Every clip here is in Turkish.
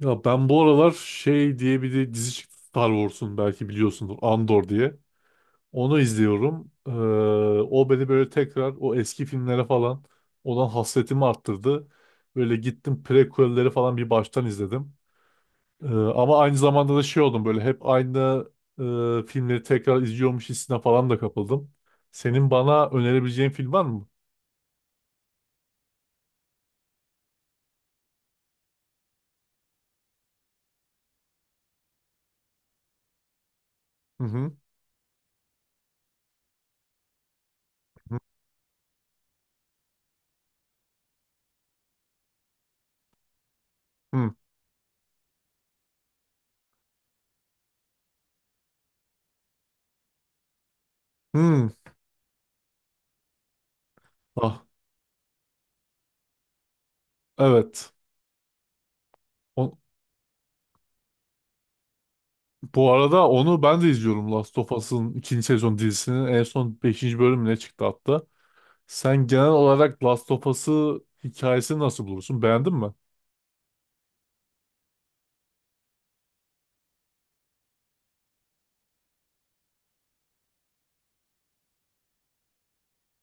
Ya ben bu aralar şey diye bir de dizi çıktı Star Wars'un, belki biliyorsundur, Andor diye. Onu izliyorum. O beni böyle tekrar o eski filmlere falan olan hasretimi arttırdı. Böyle gittim prequel'leri falan bir baştan izledim. Ama aynı zamanda da şey oldum, böyle hep aynı filmleri tekrar izliyormuş hissine falan da kapıldım. Senin bana önerebileceğin film var mı? Hı hı. Hı hı. Hı. Ah, evet. Bu arada onu ben de izliyorum, Last of Us'ın ikinci sezon dizisinin en son 5. bölümüne çıktı hatta. Sen genel olarak Last of Us'ı, hikayesini nasıl bulursun? Beğendin mi?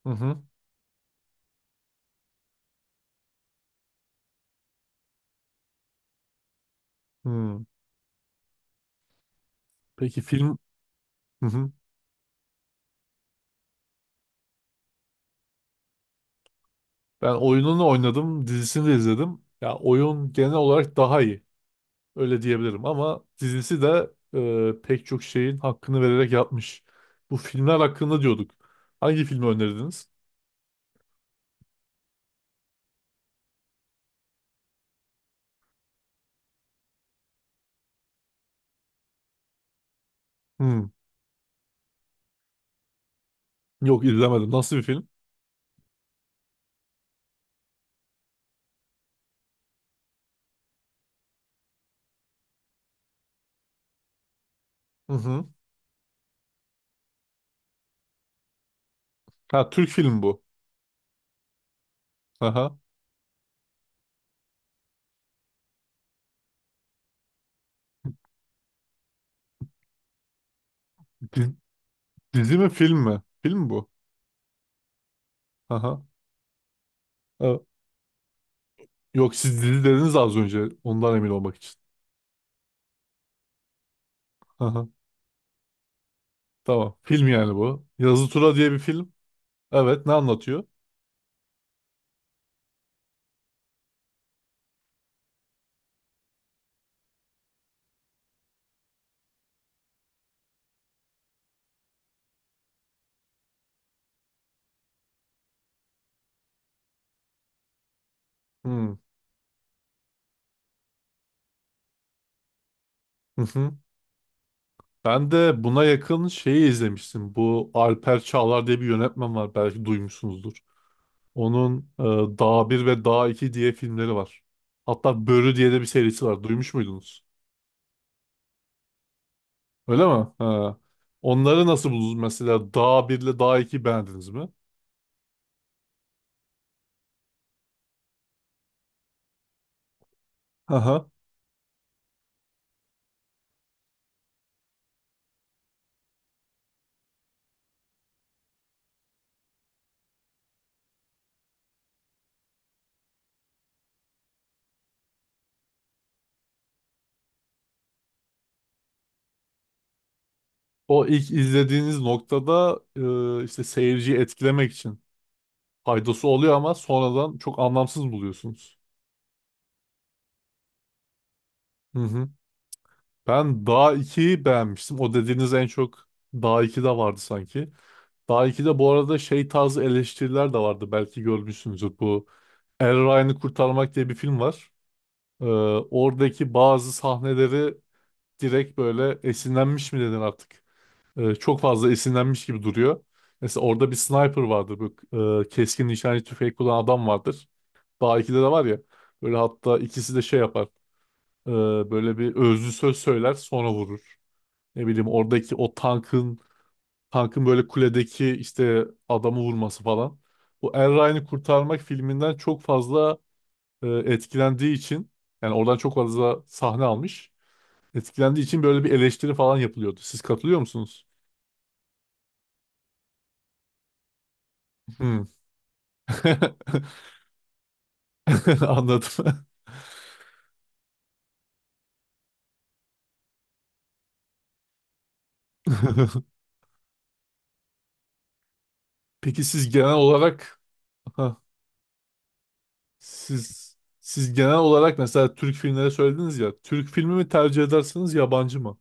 Hı hı. Hı. Peki film... Hı hı. Ben oyununu oynadım, dizisini de izledim. Ya oyun genel olarak daha iyi. Öyle diyebilirim, ama dizisi de pek çok şeyin hakkını vererek yapmış. Bu filmler hakkında diyorduk. Hangi filmi önerdiniz? Hı. Yok, izlemedim. Nasıl bir film? Hı hı. Ha, Türk filmi bu. Aha. Diz- Dizi mi, film mi? Film mi bu? Aha. Evet. Yok, siz dizi dediniz az önce. Ondan emin olmak için. Aha. Tamam. Film yani bu, Yazı Tura diye bir film. Evet, ne anlatıyor? Hmm. Hı hı. Ben de buna yakın şeyi izlemiştim. Bu Alper Çağlar diye bir yönetmen var, belki duymuşsunuzdur. Onun Dağ 1 ve Dağ iki diye filmleri var. Hatta Börü diye de bir serisi var. Duymuş muydunuz? Öyle mi? Ha. Onları nasıl buldunuz mesela? Dağ 1 ile Dağ 2 beğendiniz mi? O ilk izlediğiniz noktada işte seyirciyi etkilemek için faydası oluyor, ama sonradan çok anlamsız buluyorsunuz. Hı hı. Ben Dağ 2'yi beğenmiştim. O dediğiniz en çok Dağ 2'de vardı sanki. Dağ 2'de bu arada şey tarzı eleştiriler de vardı, belki görmüşsünüzdür bu. Er Ryan'ı Kurtarmak diye bir film var. E, oradaki bazı sahneleri direkt böyle esinlenmiş mi dedin artık? Çok fazla esinlenmiş gibi duruyor. Mesela orada bir sniper vardır, bu keskin nişancı tüfeği kullanan adam vardır. Daha ikide de var ya. Böyle hatta ikisi de şey yapar, e, böyle bir özlü söz söyler, sonra vurur. Ne bileyim, oradaki o tankın böyle kuledeki işte adamı vurması falan. Bu Er Ryan'ı Kurtarmak filminden çok fazla etkilendiği için, yani oradan çok fazla sahne almış. Etkilendiği için böyle bir eleştiri falan yapılıyordu. Siz katılıyor musunuz? Hmm. Anladım. Peki siz genel olarak... Aha, siz genel olarak mesela Türk filmleri söylediniz ya, Türk filmi mi tercih edersiniz, yabancı mı?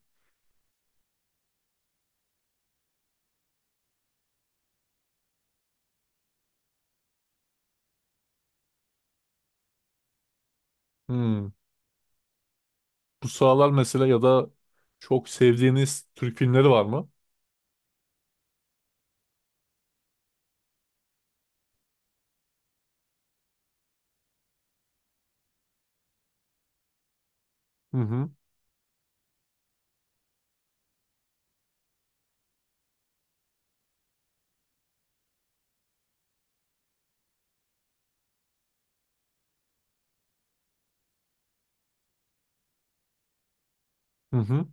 Hmm. Bu sıralar mesela, ya da çok sevdiğiniz Türk filmleri var mı? Hı hı. Hı hı.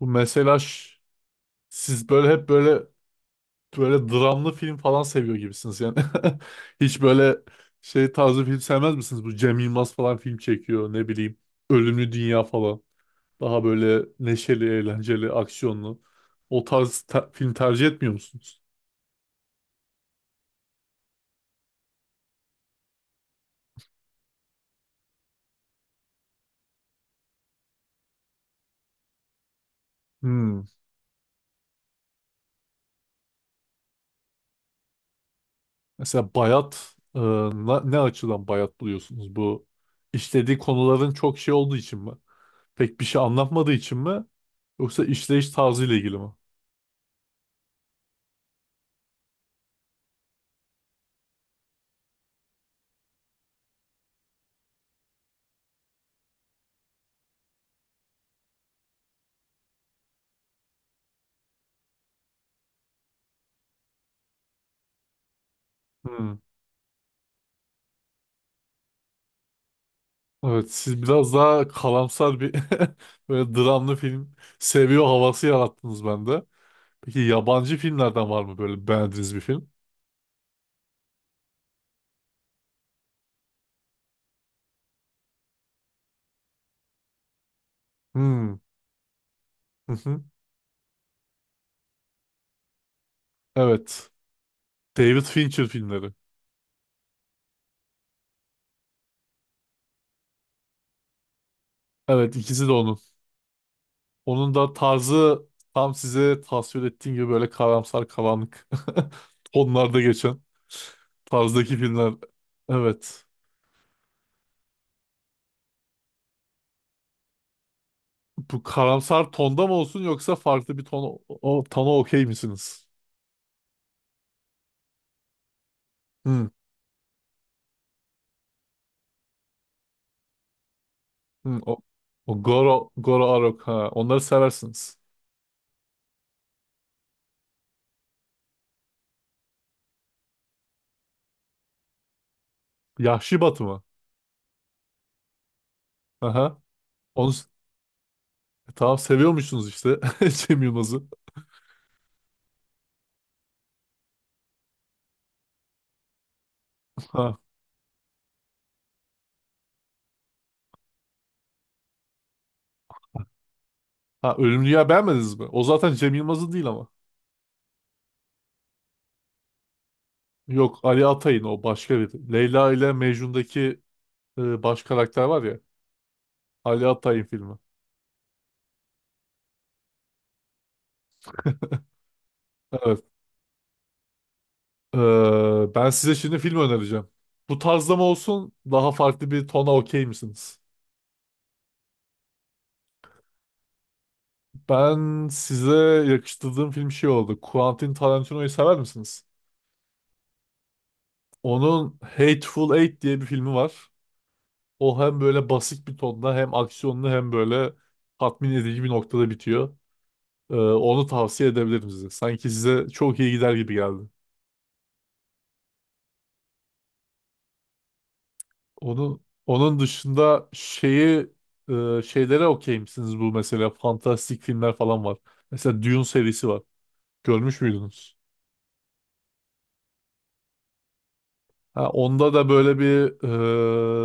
Bu mesela siz böyle hep böyle dramlı film falan seviyor gibisiniz yani. Hiç böyle şey tarzı film sevmez misiniz? Bu Cem Yılmaz falan film çekiyor, ne bileyim. Ölümlü Dünya falan. Daha böyle neşeli, eğlenceli, aksiyonlu. O tarz film tercih etmiyor musunuz? Hmm. Mesela bayat, ne açıdan bayat buluyorsunuz? Bu işlediği konuların çok şey olduğu için mi? Pek bir şey anlatmadığı için mi? Yoksa işleyiş tarzıyla ilgili mi? Hmm. Evet, siz biraz daha kalamsar bir böyle dramlı film seviyor havası yarattınız bende. Peki yabancı filmlerden var mı böyle beğendiğiniz bir film? Hmm. Hı hı. Evet. David Fincher filmleri. Evet, ikisi de onun. Onun da tarzı tam size tasvir ettiğim gibi, böyle karamsar, karanlık tonlarda geçen tarzdaki filmler. Evet. Bu karamsar tonda mı olsun, yoksa farklı bir ton, o tona okey misiniz? Hı, hı, o Goro Goro Arok, ha, onları seversiniz. Yahşi Batı mı? Aha. Onu s- tamam, seviyormuşsunuz işte, Cem Yılmaz'ı. Ha. Ha, Ölümlü Dünya beğenmediniz mi? O zaten Cem Yılmaz'ın değil ama. Yok, Ali Atay'ın, o başka bir. Leyla ile Mecnun'daki baş karakter var ya, Ali Atay'ın filmi. Evet. Ben size şimdi film önereceğim. Bu tarzda mı olsun, daha farklı bir tona okey misiniz? Ben size yakıştırdığım film şey oldu, Quentin Tarantino'yu sever misiniz? Onun Hateful Eight diye bir filmi var. O hem böyle basit bir tonda, hem aksiyonlu, hem böyle tatmin edici bir noktada bitiyor. Onu tavsiye edebilirim size, sanki size çok iyi gider gibi geldi. Onun dışında şeylere okey misiniz, bu mesela fantastik filmler falan var. Mesela Dune serisi var, görmüş müydünüz? Ha, onda da böyle bir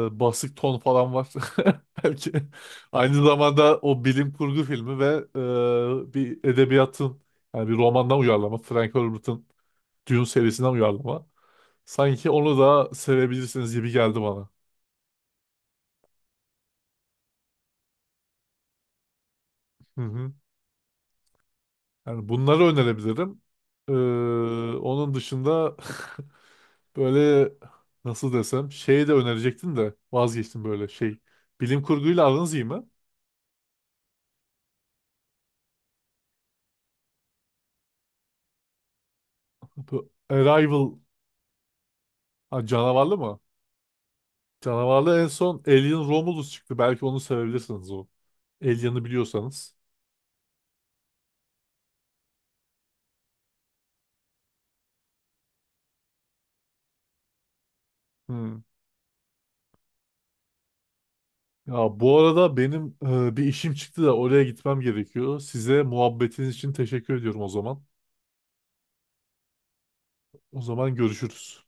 basık ton falan var. Belki aynı zamanda o bilim kurgu filmi ve bir edebiyatın yani bir romandan uyarlama. Frank Herbert'ın Dune serisinden uyarlama. Sanki onu da sevebilirsiniz gibi geldi bana. Hı hı. Yani bunları önerebilirim. Ee, onun dışında böyle nasıl desem, şey de önerecektim de vazgeçtim böyle şey. Bilim kurguyla aranız iyi mi? Bu Arrival... Ha, canavarlı mı? Canavarlı en son Alien Romulus çıktı, belki onu sevebilirsiniz o. Alien'ı biliyorsanız. Hmm. Ya bu arada benim bir işim çıktı da oraya gitmem gerekiyor. Size muhabbetiniz için teşekkür ediyorum o zaman. O zaman görüşürüz.